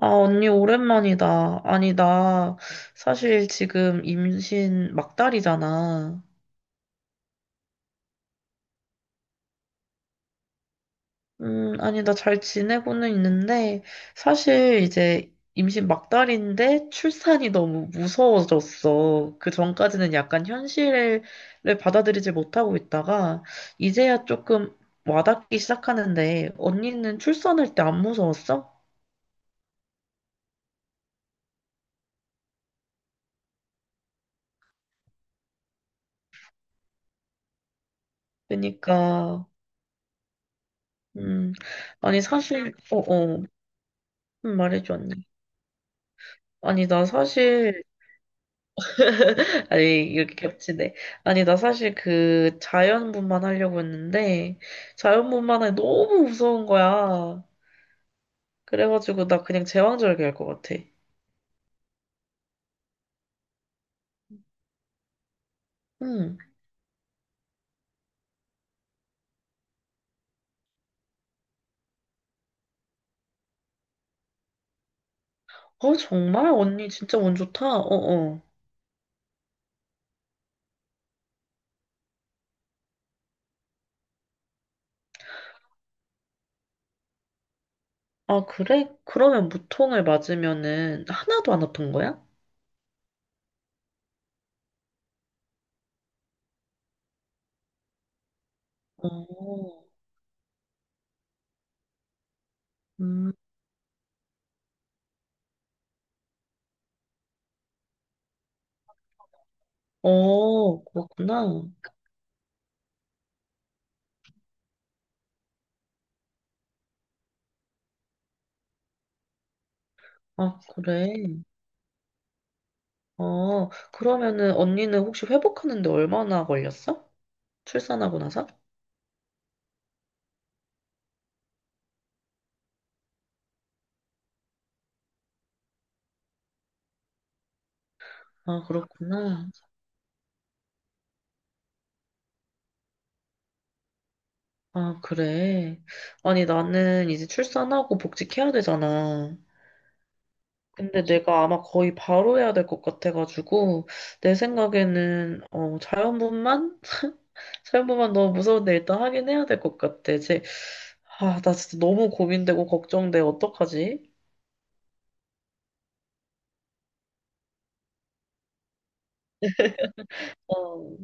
아, 언니, 오랜만이다. 아니, 나 사실 지금 임신 막달이잖아. 아니, 나 잘 지내고는 있는데, 사실 이제 임신 막달인데 출산이 너무 무서워졌어. 그 전까지는 약간 현실을 받아들이지 못하고 있다가, 이제야 조금 와닿기 시작하는데, 언니는 출산할 때 안 무서웠어? 그러니까, 음, 아니, 사실, 말해줘, 언니. 아니, 나 사실, 아니, 이렇게 겹치네. 아니, 나 사실 그 자연분만 하려고 했는데, 자연분만에 너무 무서운 거야. 그래가지고, 나 그냥 제왕절개 할 것 같아. 응. 어, 정말? 언니 진짜 운 좋다? 어어. 아, 그래? 그러면 무통을 맞으면은 하나도 안 아픈 거야? 어, 음, 그렇구나. 아, 그래. 어, 그러면은 언니는 혹시 회복하는데 얼마나 걸렸어? 출산하고 나서? 아, 그렇구나. 아, 그래. 아니, 나는 이제 출산하고 복직해야 되잖아. 근데 내가 아마 거의 바로 해야 될 것 같아가지고, 내 생각에는, 자연분만? 자연분만 너무 무서운데 일단 하긴 해야 될 것 같아. 아, 나 진짜 너무 고민되고 걱정돼. 어떡하지? 어,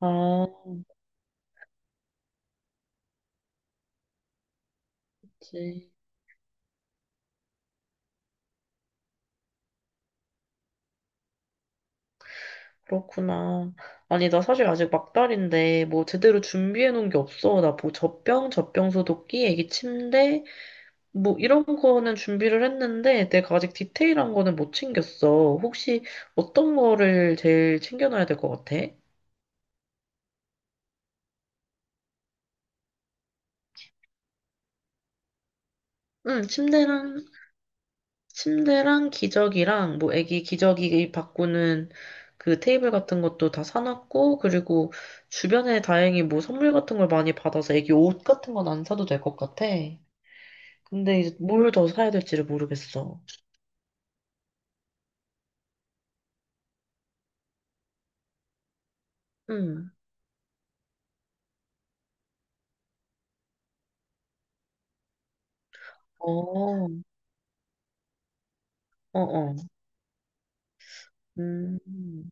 아, 그치. 그렇구나. 아니, 나 사실 아직 막달인데, 뭐, 제대로 준비해 놓은 게 없어. 나 뭐, 젖병 소독기, 애기 침대, 뭐 이런 거는 준비를 했는데 내가 아직 디테일한 거는 못 챙겼어. 혹시 어떤 거를 제일 챙겨놔야 될 것 같아? 응, 침대랑 기저귀랑 뭐 애기 기저귀 바꾸는 그 테이블 같은 것도 다 사놨고 그리고 주변에 다행히 뭐 선물 같은 걸 많이 받아서 애기 옷 같은 건 안 사도 될 것 같아. 근데 이제 뭘 더 사야 될지를 모르겠어. 응. 어, 어, 어. 음.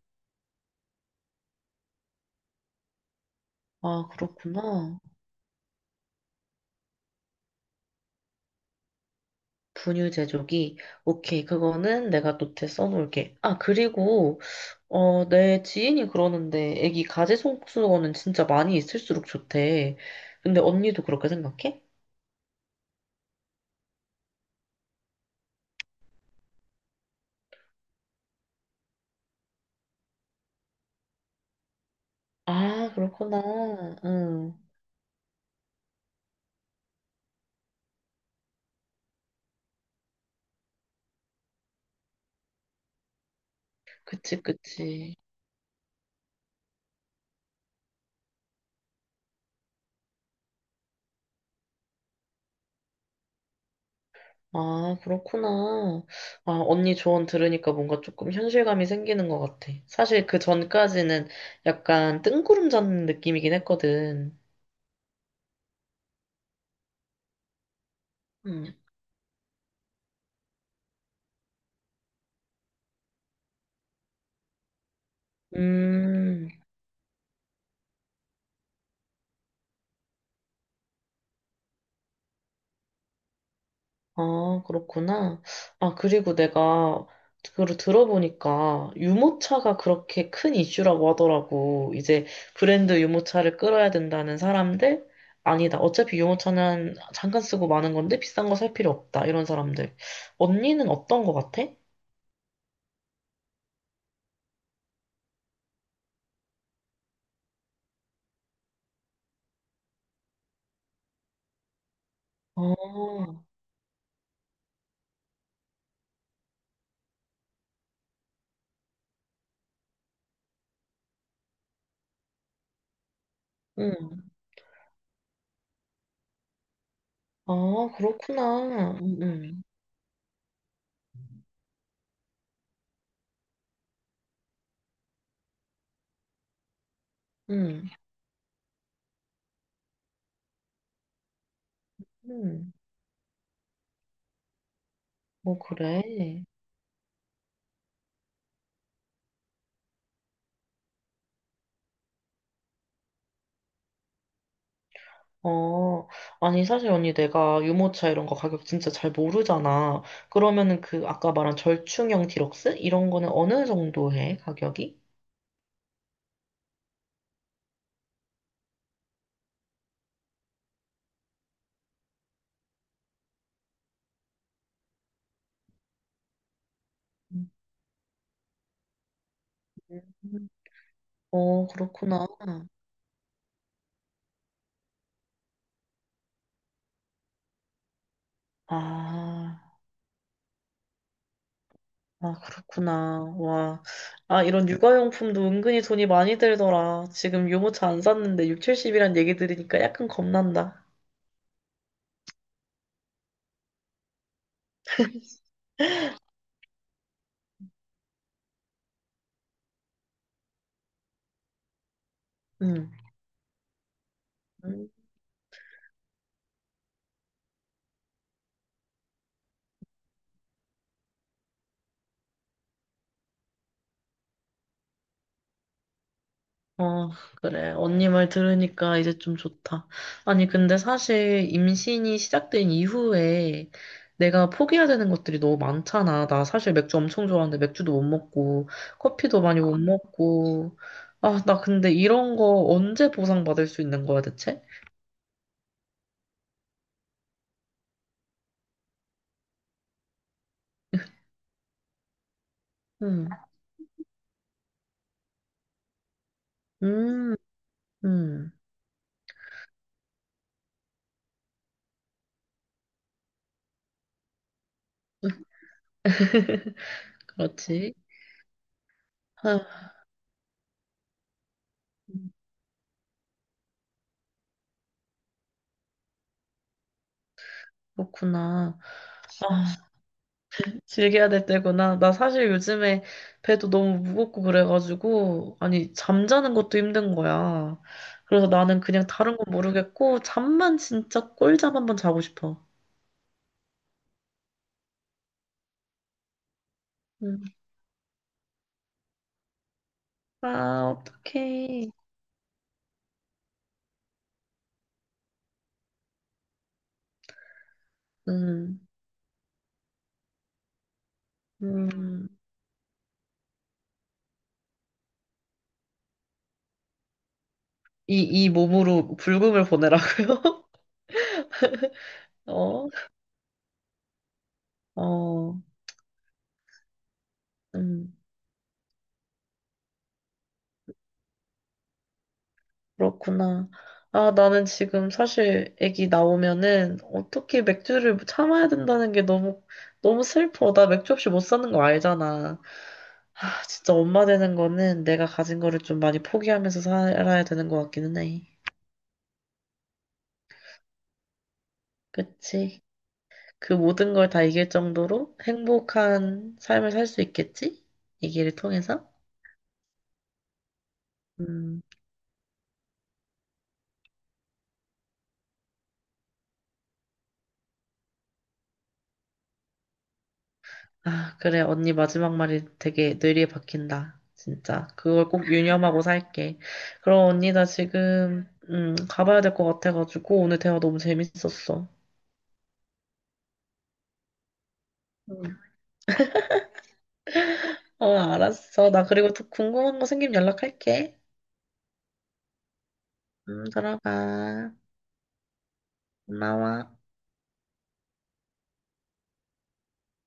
아, 그렇구나. 분유 제조기. 오케이, 그거는 내가 노트에 써놓을게. 아, 그리고, 어, 내 지인이 그러는데, 애기 가지손수건은 진짜 많이 있을수록 좋대. 근데 언니도 그렇게 생각해? 아, 그렇구나. 응. 그치, 그치. 아, 그렇구나. 아, 언니 조언 들으니까 뭔가 조금 현실감이 생기는 것 같아. 사실 그 전까지는 약간 뜬구름 잡는 느낌이긴 했거든. 음. 음. 아, 그렇구나. 아, 그리고 내가 그걸 들어보니까 유모차가 그렇게 큰 이슈라고 하더라고. 이제 브랜드 유모차를 끌어야 된다는 사람들? 아니다. 어차피 유모차는 잠깐 쓰고 마는 건데 비싼 거 살 필요 없다. 이런 사람들. 언니는 어떤 거 같아? 아, 응. 아, 그렇구나. 응, 응. 응. 뭐, 그래. 어, 아니, 사실 언니 내가 유모차 이런 거 가격 진짜 잘 모르잖아. 그러면은 그 아까 말한 절충형 디럭스? 이런 거는 어느 정도 해, 가격이? 음. 어, 그렇구나. 아, 아, 그렇구나. 와. 아, 이런 육아용품도 은근히 돈이 많이 들더라. 지금 유모차 안 샀는데 6, 70이란 얘기 들으니까 약간 겁난다. 응. 어, 그래. 언니 말 들으니까 이제 좀 좋다. 아니, 근데 사실 임신이 시작된 이후에 내가 포기해야 되는 것들이 너무 많잖아. 나 사실 맥주 엄청 좋아하는데 맥주도 못 먹고, 커피도 많이 못 먹고. 아, 나 근데 이런 거 언제 보상받을 수 있는 거야, 대체? 응 음, 음. 그렇지. 아, 그렇구나. 아. 즐겨야 될 때구나. 나 사실 요즘에 배도 너무 무겁고 그래가지고, 아니, 잠자는 것도 힘든 거야. 그래서 나는 그냥 다른 건 모르겠고, 잠만 진짜 꿀잠 한번 자고 싶어. 음. 아, 어떡해. 음, 음. 이 몸으로 불금을 보내라고요? 어, 어, 음. 그렇구나. 아, 나는 지금 사실 애기 나오면은 어떻게 맥주를 참아야 된다는 게 너무, 너무 슬퍼. 나 맥주 없이 못 사는 거 알잖아. 아, 진짜 엄마 되는 거는 내가 가진 거를 좀 많이 포기하면서 살아야 되는 것 같기는 해. 그치? 그 모든 걸 다 이길 정도로 행복한 삶을 살 수 있겠지? 이 길을 통해서? 음. 아, 그래. 언니 마지막 말이 되게 뇌리에 박힌다. 진짜. 그걸 꼭 유념하고 살게. 그럼 언니 나 지금 가봐야 될 것 같아가지고 오늘 대화 너무 재밌었어. 음 어, 알았어. 나 그리고 또 궁금한 거 생기면 연락할게. 응. 들어가. 고마워.